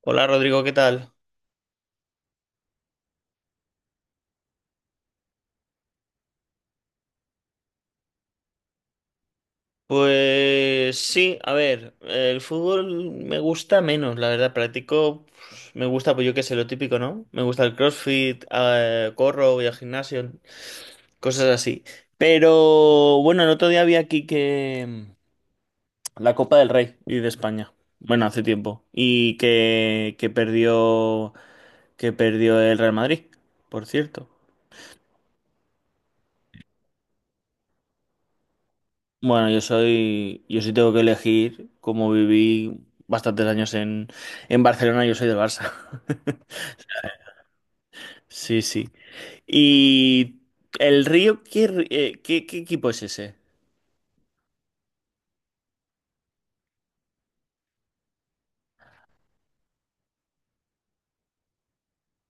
Hola Rodrigo, ¿qué tal? Pues sí, a ver, el fútbol me gusta menos, la verdad, practico, pues, me gusta, pues yo qué sé, lo típico, ¿no? Me gusta el CrossFit, corro, voy al gimnasio, cosas así. Pero bueno, el otro día vi aquí que la Copa del Rey y de España, bueno, hace tiempo, y que perdió el Real Madrid, por cierto. Bueno, yo sí tengo que elegir, como viví bastantes años en Barcelona, yo soy del Barça. Sí, sí. ¿Y el Río, qué equipo es ese?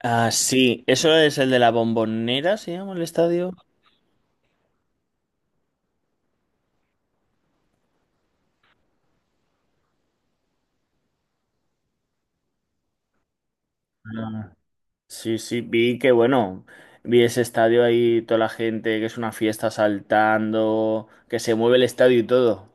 Ah, sí, eso es el de la Bombonera, se llama el estadio. Ah, sí, sí, vi ese estadio ahí, toda la gente, que es una fiesta saltando, que se mueve el estadio y todo.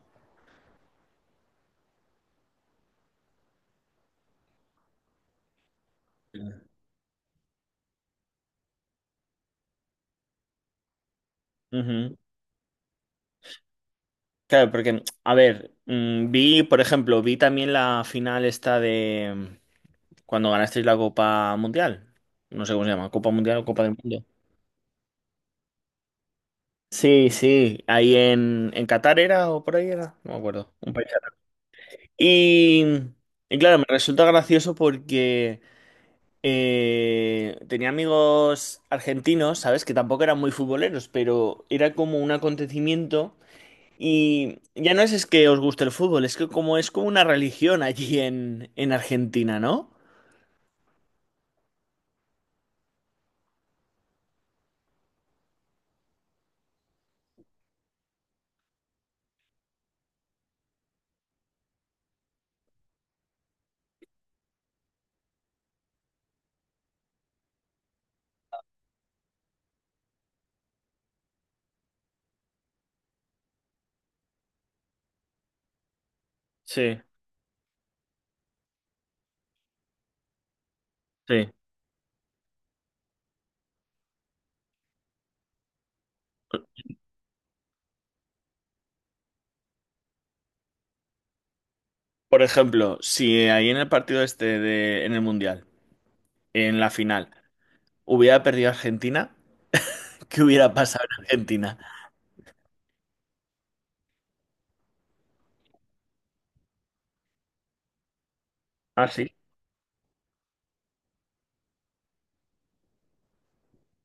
Ujú. Claro, porque, a ver, vi, por ejemplo, vi también la final esta de cuando ganasteis la Copa Mundial. No sé cómo se llama, Copa Mundial o Copa del Mundo. Sí, sí, ahí en Qatar era o por ahí era, no me acuerdo, un país árabe. Y, y claro, me resulta gracioso porque tenía amigos argentinos, ¿sabes? Que tampoco eran muy futboleros, pero era como un acontecimiento. Y ya no es que os guste el fútbol, es que como es como una religión allí en Argentina, ¿no? Sí, sí. Por ejemplo, si ahí en el partido este de, en el Mundial, en la final, hubiera perdido Argentina, ¿qué hubiera pasado en Argentina? Ah, sí.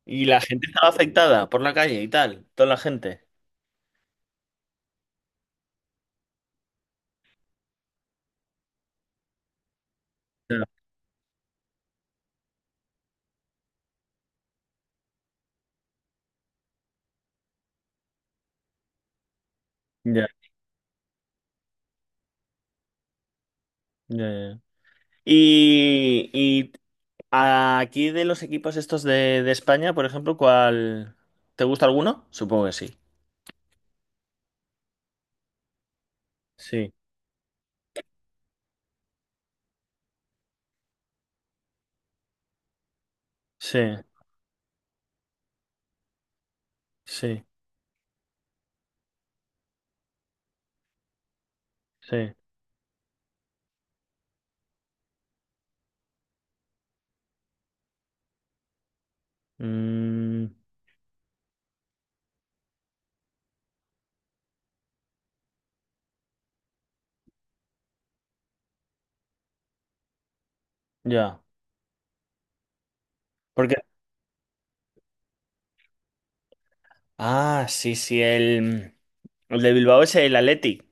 Y la gente estaba afectada por la calle y tal, toda la gente. Ya, ya, ya, ya. Y aquí de los equipos estos de España, por ejemplo, ¿cuál? ¿Te gusta alguno? Supongo que sí. Sí. Sí, sí, sí. Mm, ya. Porque. Ah, sí, sí, el de Bilbao es el Athletic.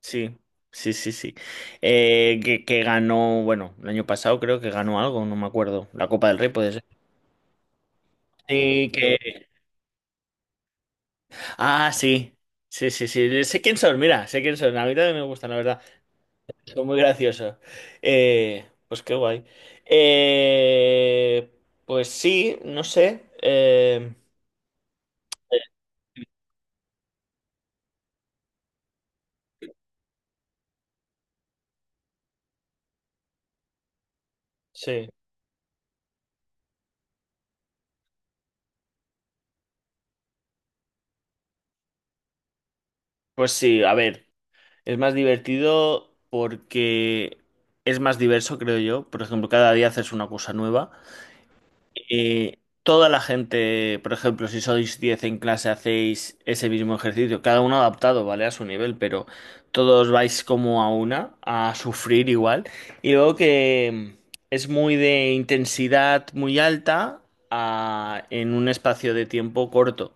Sí, sí, sí, sí. El año pasado creo que ganó algo, no me acuerdo. La Copa del Rey puede ser. Sí, que. Ah, sí. Sí, sí, sí. Sé quién son, mira, sé quién son. A mí también me gustan, la verdad. Son muy graciosos. Pues qué guay. Eh, pues sí, no sé. Sí. Pues sí, a ver, es más divertido porque es más diverso, creo yo. Por ejemplo, cada día haces una cosa nueva. Toda la gente, por ejemplo, si sois 10 en clase, hacéis ese mismo ejercicio, cada uno adaptado, ¿vale? A su nivel, pero todos vais como a una, a sufrir igual. Y luego que es muy de intensidad muy alta en un espacio de tiempo corto.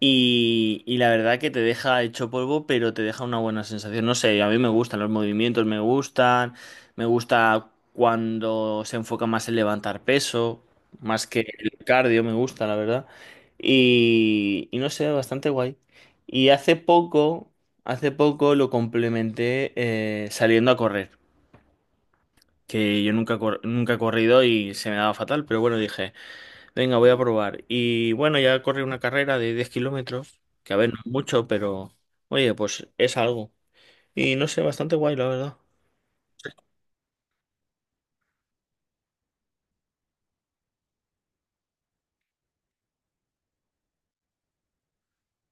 Y la verdad que te deja hecho polvo, pero te deja una buena sensación. No sé, a mí me gustan los movimientos, me gustan, me gusta cuando se enfoca más en levantar peso, más que el cardio, me gusta, la verdad. Y no sé, bastante guay. Y hace poco lo complementé saliendo a correr, que yo nunca he corrido y se me daba fatal, pero bueno, dije... Venga, voy a probar. Y bueno, ya corrí una carrera de 10 kilómetros, que a ver, no es mucho, pero oye, pues es algo. Y no sé, bastante guay, la verdad.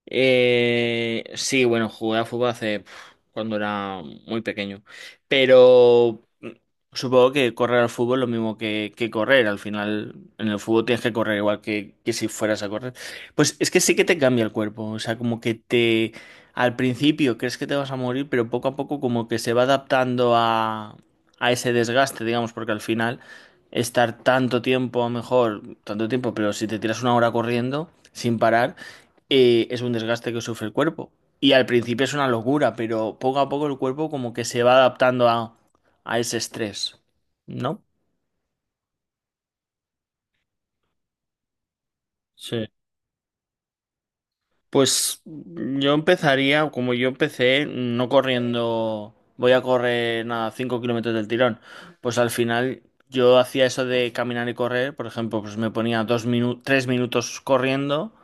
Sí, bueno, jugué a fútbol cuando era muy pequeño. Pero supongo que correr al fútbol es lo mismo que correr. Al final, en el fútbol tienes que correr igual que si fueras a correr. Pues es que sí que te cambia el cuerpo. O sea, como que te. Al principio crees que te vas a morir, pero poco a poco como que se va adaptando a ese desgaste, digamos, porque al final estar tanto tiempo, a lo mejor, tanto tiempo, pero si te tiras una hora corriendo sin parar es un desgaste que sufre el cuerpo. Y al principio es una locura, pero poco a poco el cuerpo como que se va adaptando a ese estrés, ¿no? Sí. Pues yo empezaría, como yo empecé, no corriendo, voy a correr nada, 5 kilómetros del tirón. Pues al final yo hacía eso de caminar y correr, por ejemplo, pues me ponía 3 minutos corriendo,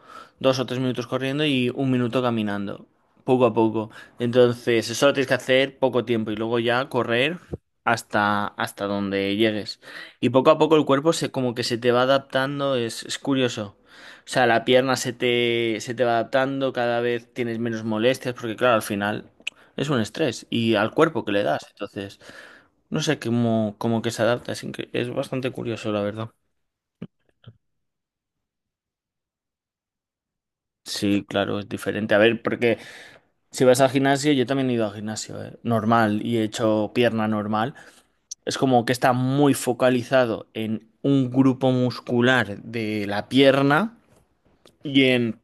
2 o 3 minutos corriendo y 1 minuto caminando, poco a poco. Entonces, eso lo tienes que hacer poco tiempo y luego ya correr hasta donde llegues. Y poco a poco el cuerpo se como que se te va adaptando, es curioso. O sea, la pierna se te va adaptando, cada vez tienes menos molestias, porque claro, al final es un estrés y al cuerpo que le das. Entonces, no sé cómo que se adapta, es bastante curioso, la verdad. Sí, claro, es diferente. A ver, porque si vas al gimnasio, yo también he ido al gimnasio, normal y he hecho pierna normal. Es como que está muy focalizado en un grupo muscular de la pierna y en,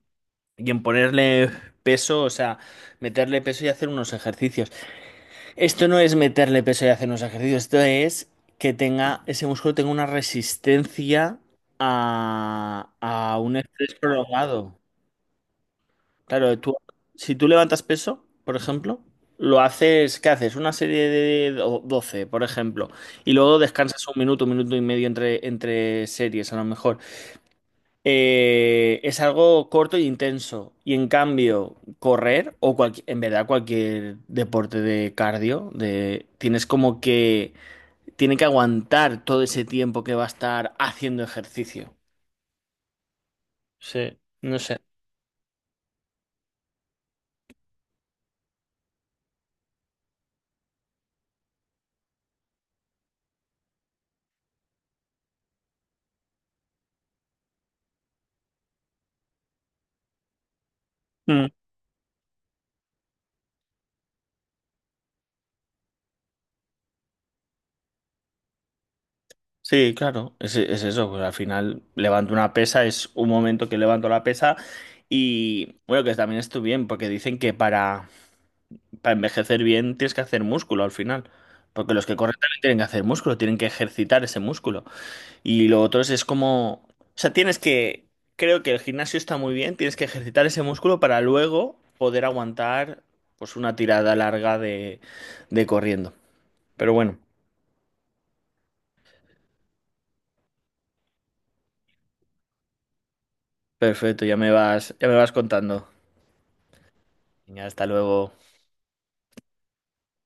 y en ponerle peso, o sea, meterle peso y hacer unos ejercicios. Esto no es meterle peso y hacer unos ejercicios, esto es que tenga, ese músculo tenga una resistencia a un estrés prolongado. Claro, si tú levantas peso, por ejemplo, lo haces, ¿qué haces? Una serie de 12, por ejemplo, y luego descansas 1 minuto, 1 minuto y medio entre series, a lo mejor es algo corto e intenso. Y en cambio, correr o en verdad cualquier deporte de cardio, tiene que aguantar todo ese tiempo que va a estar haciendo ejercicio. Sí, no sé. Mm. Sí, claro, es eso, pues al final levanto una pesa, es un momento que levanto la pesa y bueno, que también estoy bien, porque dicen que para envejecer bien tienes que hacer músculo al final. Porque los que corren también tienen que hacer músculo, tienen que ejercitar ese músculo. Y lo otro es como... O sea, tienes que... Creo que el gimnasio está muy bien, tienes que ejercitar ese músculo para luego poder aguantar pues una tirada larga de corriendo. Pero bueno, perfecto, ya me vas contando. Venga, hasta luego.